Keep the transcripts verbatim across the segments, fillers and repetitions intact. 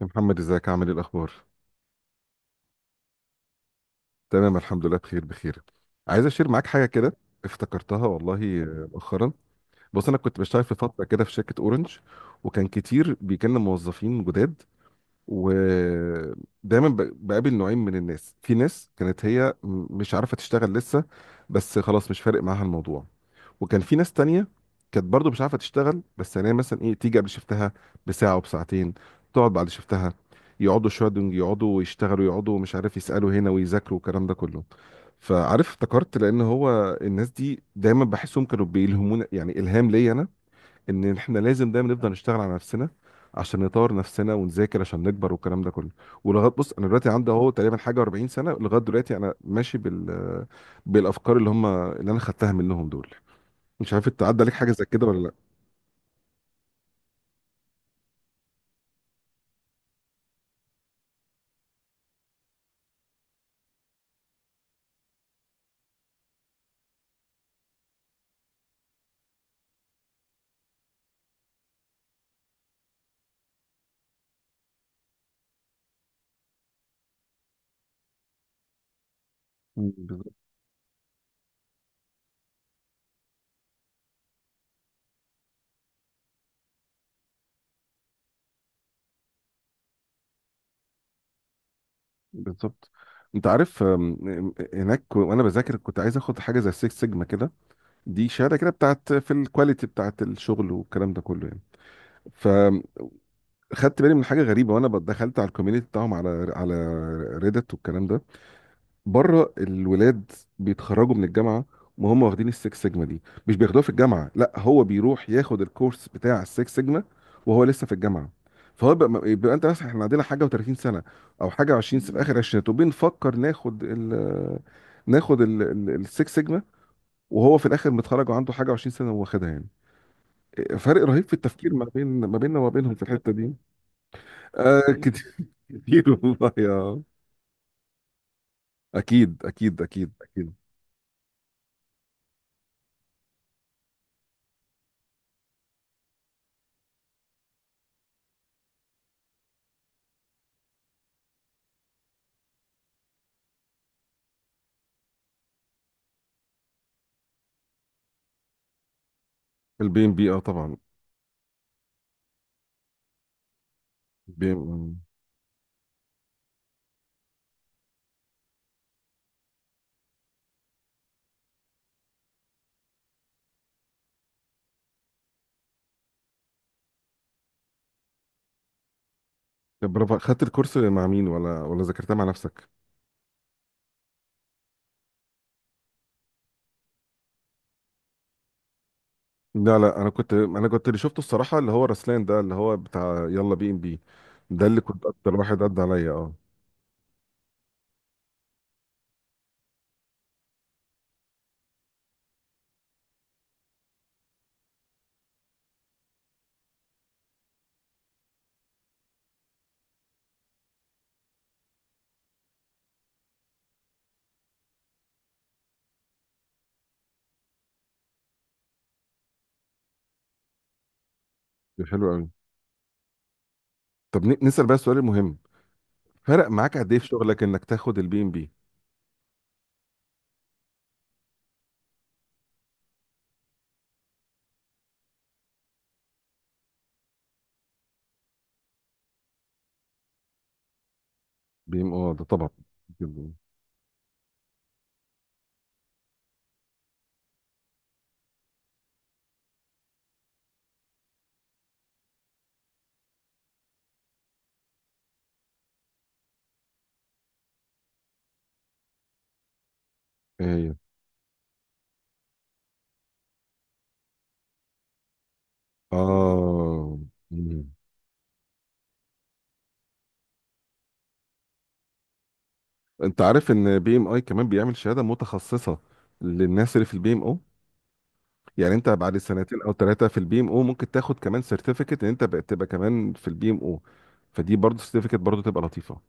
يا محمد، ازيك؟ عامل ايه؟ الاخبار؟ تمام، الحمد لله، بخير بخير. عايز اشير معاك حاجه كده، افتكرتها والله. آه، مؤخرا، بص، انا كنت بشتغل في فتره كده في شركه اورنج، وكان كتير بيجيلنا موظفين جداد. ودايما ب- بقابل نوعين من الناس: في ناس كانت هي م- مش عارفه تشتغل لسه، بس خلاص مش فارق معاها الموضوع. وكان في ناس تانية كانت برضو مش عارفة تشتغل، بس يعني مثلا ايه، تيجي قبل شفتها بساعة وبساعتين، تقعد بعد شفتها، يقعدوا شوية. دول يقعدوا ويشتغلوا، يقعدوا، مش عارف، يسألوا هنا ويذاكروا والكلام ده كله. فعارف، افتكرت، لان هو الناس دي دايما بحسهم كانوا بيلهمونا، يعني الهام ليا انا، ان احنا لازم دايما نفضل نشتغل على نفسنا، عشان نطور نفسنا ونذاكر عشان نكبر والكلام ده كله. ولغايه، بص، انا دلوقتي عندي اهو تقريبا حاجه أربعين سنة سنه، لغايه دلوقتي انا ماشي بال بالافكار اللي هم اللي انا خدتها منهم دول. مش عارف انت عدى عليك حاجه زي كده ولا لا؟ مم، بالظبط. بالظبط. انت عارف، أم، هناك كو- وانا بذاكر كنت عايز اخد حاجه زي 6 سيجما كده. دي شهاده كده بتاعت في الكواليتي بتاعت الشغل والكلام ده كله يعني. فخدت بالي من حاجه غريبه وانا دخلت على الكوميونتي بتاعهم، على على ريدت والكلام ده. بره، الولاد بيتخرجوا من الجامعه وهم واخدين السكس سيجما دي. مش بياخدوها في الجامعه، لا، هو بيروح ياخد الكورس بتاع السكس سيجما وهو لسه في الجامعه. فهو بقى، يبقى انت مثلا، احنا عندنا حاجه وتلاتين سنة، او حاجه وعشرين في اخر عشرينات، وبنفكر ناخد ال ناخد السكس سيجما، وهو في الاخر متخرج وعنده حاجه وعشرين سنة واخدها يعني. فرق رهيب في التفكير ما بين، ما بيننا وما بينهم، في الحته دي. آه كتير كتير والله يا. اكيد اكيد اكيد اكيد. البي ام بي، اه طبعا. بي- طب برافو، خدت الكورس مع مين ولا ولا ذاكرتها مع نفسك؟ لا لا، انا كنت انا كنت اللي شفته الصراحه اللي هو رسلان ده، اللي هو بتاع يلا بي ام بي. ده اللي كنت اكتر واحد عدى عليا، اه. ده حلو قوي. طب ن- نسال بقى السؤال المهم: فرق معاك قد ايه في شغلك انك تاخد البي ام بي؟ بي ام، اه ده طبعا. جداً. ايه هي؟ اه. مم. انت عارف ان بي ام اي كمان بيعمل شهاده متخصصه للناس اللي في البي ام او؟ يعني انت بعد سنتين او ثلاثه في البي ام او ممكن تاخد كمان سيرتيفيكت ان انت بقت تبقى كمان في البي ام او. فدي برضه سيرتيفيكت برضه تبقى لطيفه.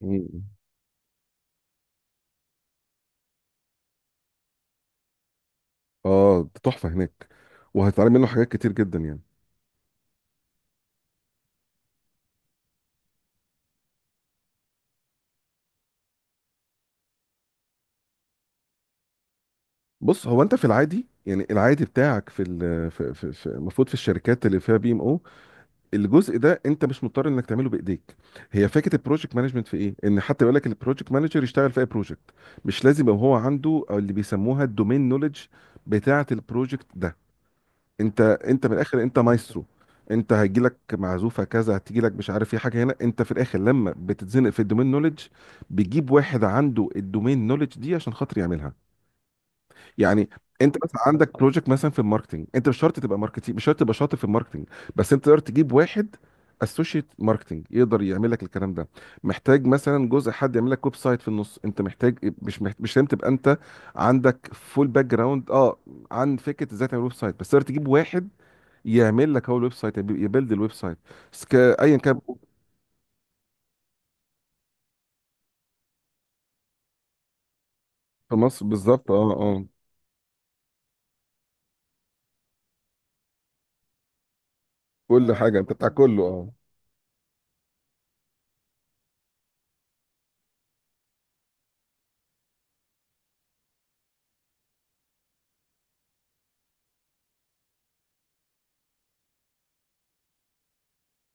مم. اه ده تحفه هناك، وهتتعلم منه حاجات كتير جدا يعني. بص، هو انت في العادي، يعني العادي بتاعك، في ال- في في في- المفروض في الشركات اللي فيها بي ام او، الجزء ده انت مش مضطر انك تعمله بايديك. هي فكره البروجكت مانجمنت في ايه، ان حتى يقول لك البروجكت مانجر يشتغل في اي بروجكت، مش لازم يبقى هو عنده أو اللي بيسموها الدومين نوليدج بتاعه البروجكت ده. انت انت من الاخر انت مايسترو. انت هيجيلك معزوفه كذا، هتجيلك، مش عارف ايه، حاجه هنا. انت في الاخر لما بتتزنق في الدومين نولج، بيجيب واحد عنده الدومين نولج دي عشان خاطر يعملها يعني. انت مثلا عندك بروجكت مثلا في الماركتنج، انت مش شرط تبقى ماركتينج، مش شرط تبقى شاطر في الماركتنج، بس انت تقدر تجيب واحد اسوشيت ماركتنج يقدر يعمل لك الكلام ده. محتاج مثلا جزء، حد يعمل لك ويب سايت في النص. انت محتاج، مش محتاج، مش لازم تبقى انت عندك فول باك جراوند، اه، عن فكره ازاي تعمل ويب سايت، بس تقدر تجيب واحد يعمل لك هو الويب سايت، يبي- يبيلد الويب سايت. بس ك- ايا كان. في مصر، بالظبط، اه اه. كل حاجه، انت بتاع كله، اه.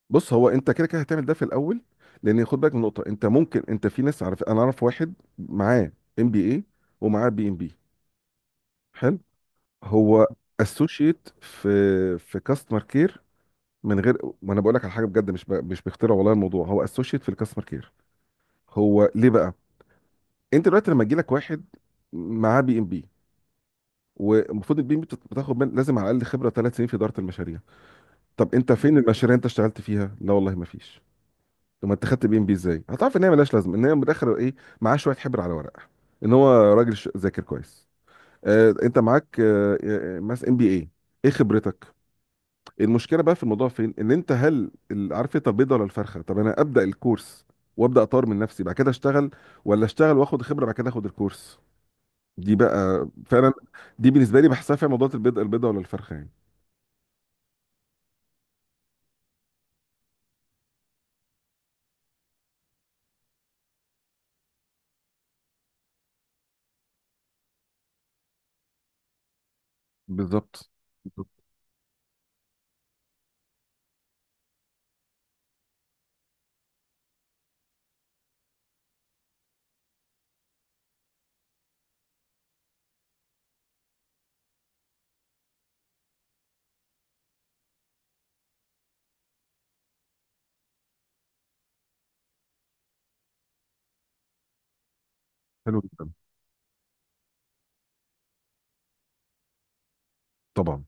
بص، هو انت كده كده هتعمل ده في الاول. لان خد بالك من نقطه، انت ممكن، انت في ناس، عارف، انا اعرف واحد معاه ام بي اي ومعاه بي ام بي، حلو، هو اسوشيت في في كاستمر كير. من غير ما انا بقول لك على حاجه بجد، مش ب... مش بخترع والله، الموضوع هو اسوشيت في الكاستمر كير. هو ليه بقى؟ انت دلوقتي لما يجي لك واحد معاه بي ام بي، والمفروض البي ام بت- بتاخد من لازم على الاقل خبره تلات سنين في اداره المشاريع. طب انت فين المشاريع اللي انت اشتغلت فيها؟ لا والله ما فيش. طب ما انت خدت بي ام بي ازاي؟ هتعرف ان هي ملهاش لازمه، ان هي من الاخر ايه؟ معاه شويه حبر على ورقه، ان هو راجل ش- ذاكر كويس. آه، انت معاك، آه آه، مثلا ام بي اي، ايه خبرتك؟ المشكله بقى في الموضوع فين؟ ان انت، هل ال- عارف انت البيضه ولا الفرخه؟ طب انا ابدا الكورس وابدا اطور من نفسي بعد كده اشتغل، ولا اشتغل واخد خبره بعد كده اخد الكورس؟ دي بقى فعلا، دي بالنسبه لي بحسها فيها موضوع البيضه البيضه ولا الفرخه يعني. بالظبط. بالظبط. حلو جدا. طبعا.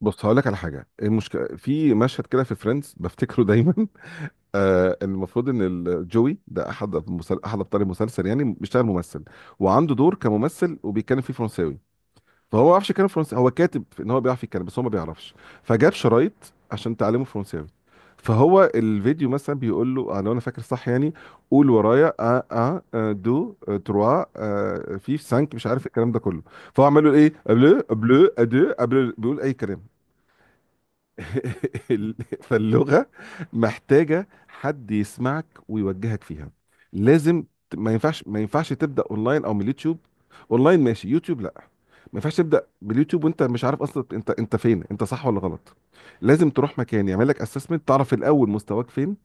بص، هقول لك على حاجه. المشكله في مشهد كده في فريندز بفتكره دايما آه، المفروض ان ال- جوي ده، احد المسل... احد ابطال المسلسل يعني، بيشتغل ممثل وعنده دور كممثل وبيتكلم فيه فرنساوي. فهو ما بيعرفش يتكلم فرنسي، هو كاتب ان هو بيعرف يتكلم بس هو ما بيعرفش. فجاب شرايط عشان تعلمه فرنساوي. فهو الفيديو مثلا بيقول له، آه، لو انا فاكر صح يعني: قول ورايا ا، ا دو، آه، تروا، في سانك، مش عارف الكلام ده كله. فهو عمال يقول ايه، بلو بلو ادو بلو، بيقول اي كلام ال- فاللغه محتاجه حد يسمعك ويوجهك فيها، لازم. ت- ما ينفعش ما ينفعش تبدا اونلاين او من اليوتيوب. اونلاين ماشي، يوتيوب لا. ما ينفعش تبدا باليوتيوب وانت مش عارف اصلا انت، انت فين انت صح ولا غلط. لازم تروح مكان يعمل لك اسسمنت، تعرف الاول مستواك فين،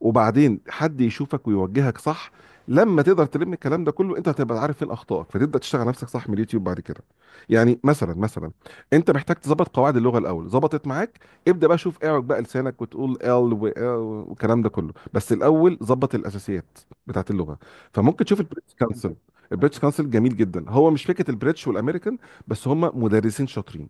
وبعدين حد يشوفك ويوجهك صح. لما تقدر تلم الكلام ده كله، انت هتبقى عارف فين اخطائك، فتبدا تشتغل نفسك صح من اليوتيوب بعد كده. يعني مثلا مثلا، انت محتاج تظبط قواعد اللغه الاول. ظبطت معاك، ابدا بقى شوف، اعرج بقى لسانك وتقول ال و آه والكلام ده كله، بس الاول ظبط الاساسيات بتاعت اللغه. فممكن تشوف البريتش كونسل. البريتش كونسل جميل جدا، هو مش فكره البريتش والامريكان، بس هم مدرسين شاطرين.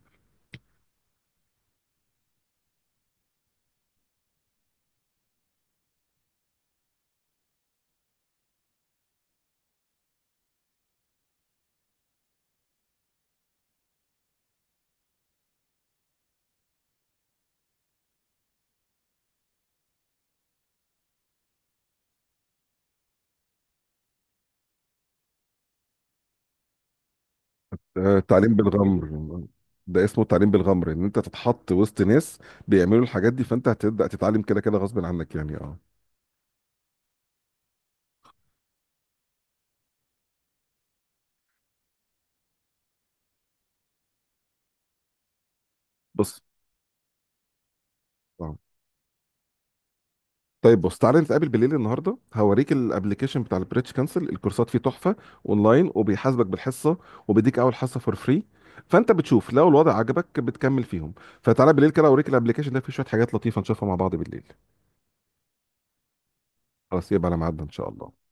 آه، تعليم بالغمر. ده اسمه تعليم بالغمر، ان انت تتحط وسط ناس بيعملوا الحاجات دي، فانت هتبدا تتعلم كده كده غصب عنك يعني، اه. بص، اه، طيب، بص، تعالى نتقابل بالليل النهارده، هوريك الابلكيشن بتاع البريتش كانسل. الكورسات فيه تحفه، اونلاين، وبيحاسبك بالحصه، وبيديك اول حصه فور فري، فانت بتشوف لو الوضع عجبك بتكمل فيهم. فتعالى بالليل كده اوريك الابلكيشن ده، فيه شويه حاجات لطيفه نشوفها مع بعض بالليل. خلاص، يبقى على ميعادنا ان شاء الله.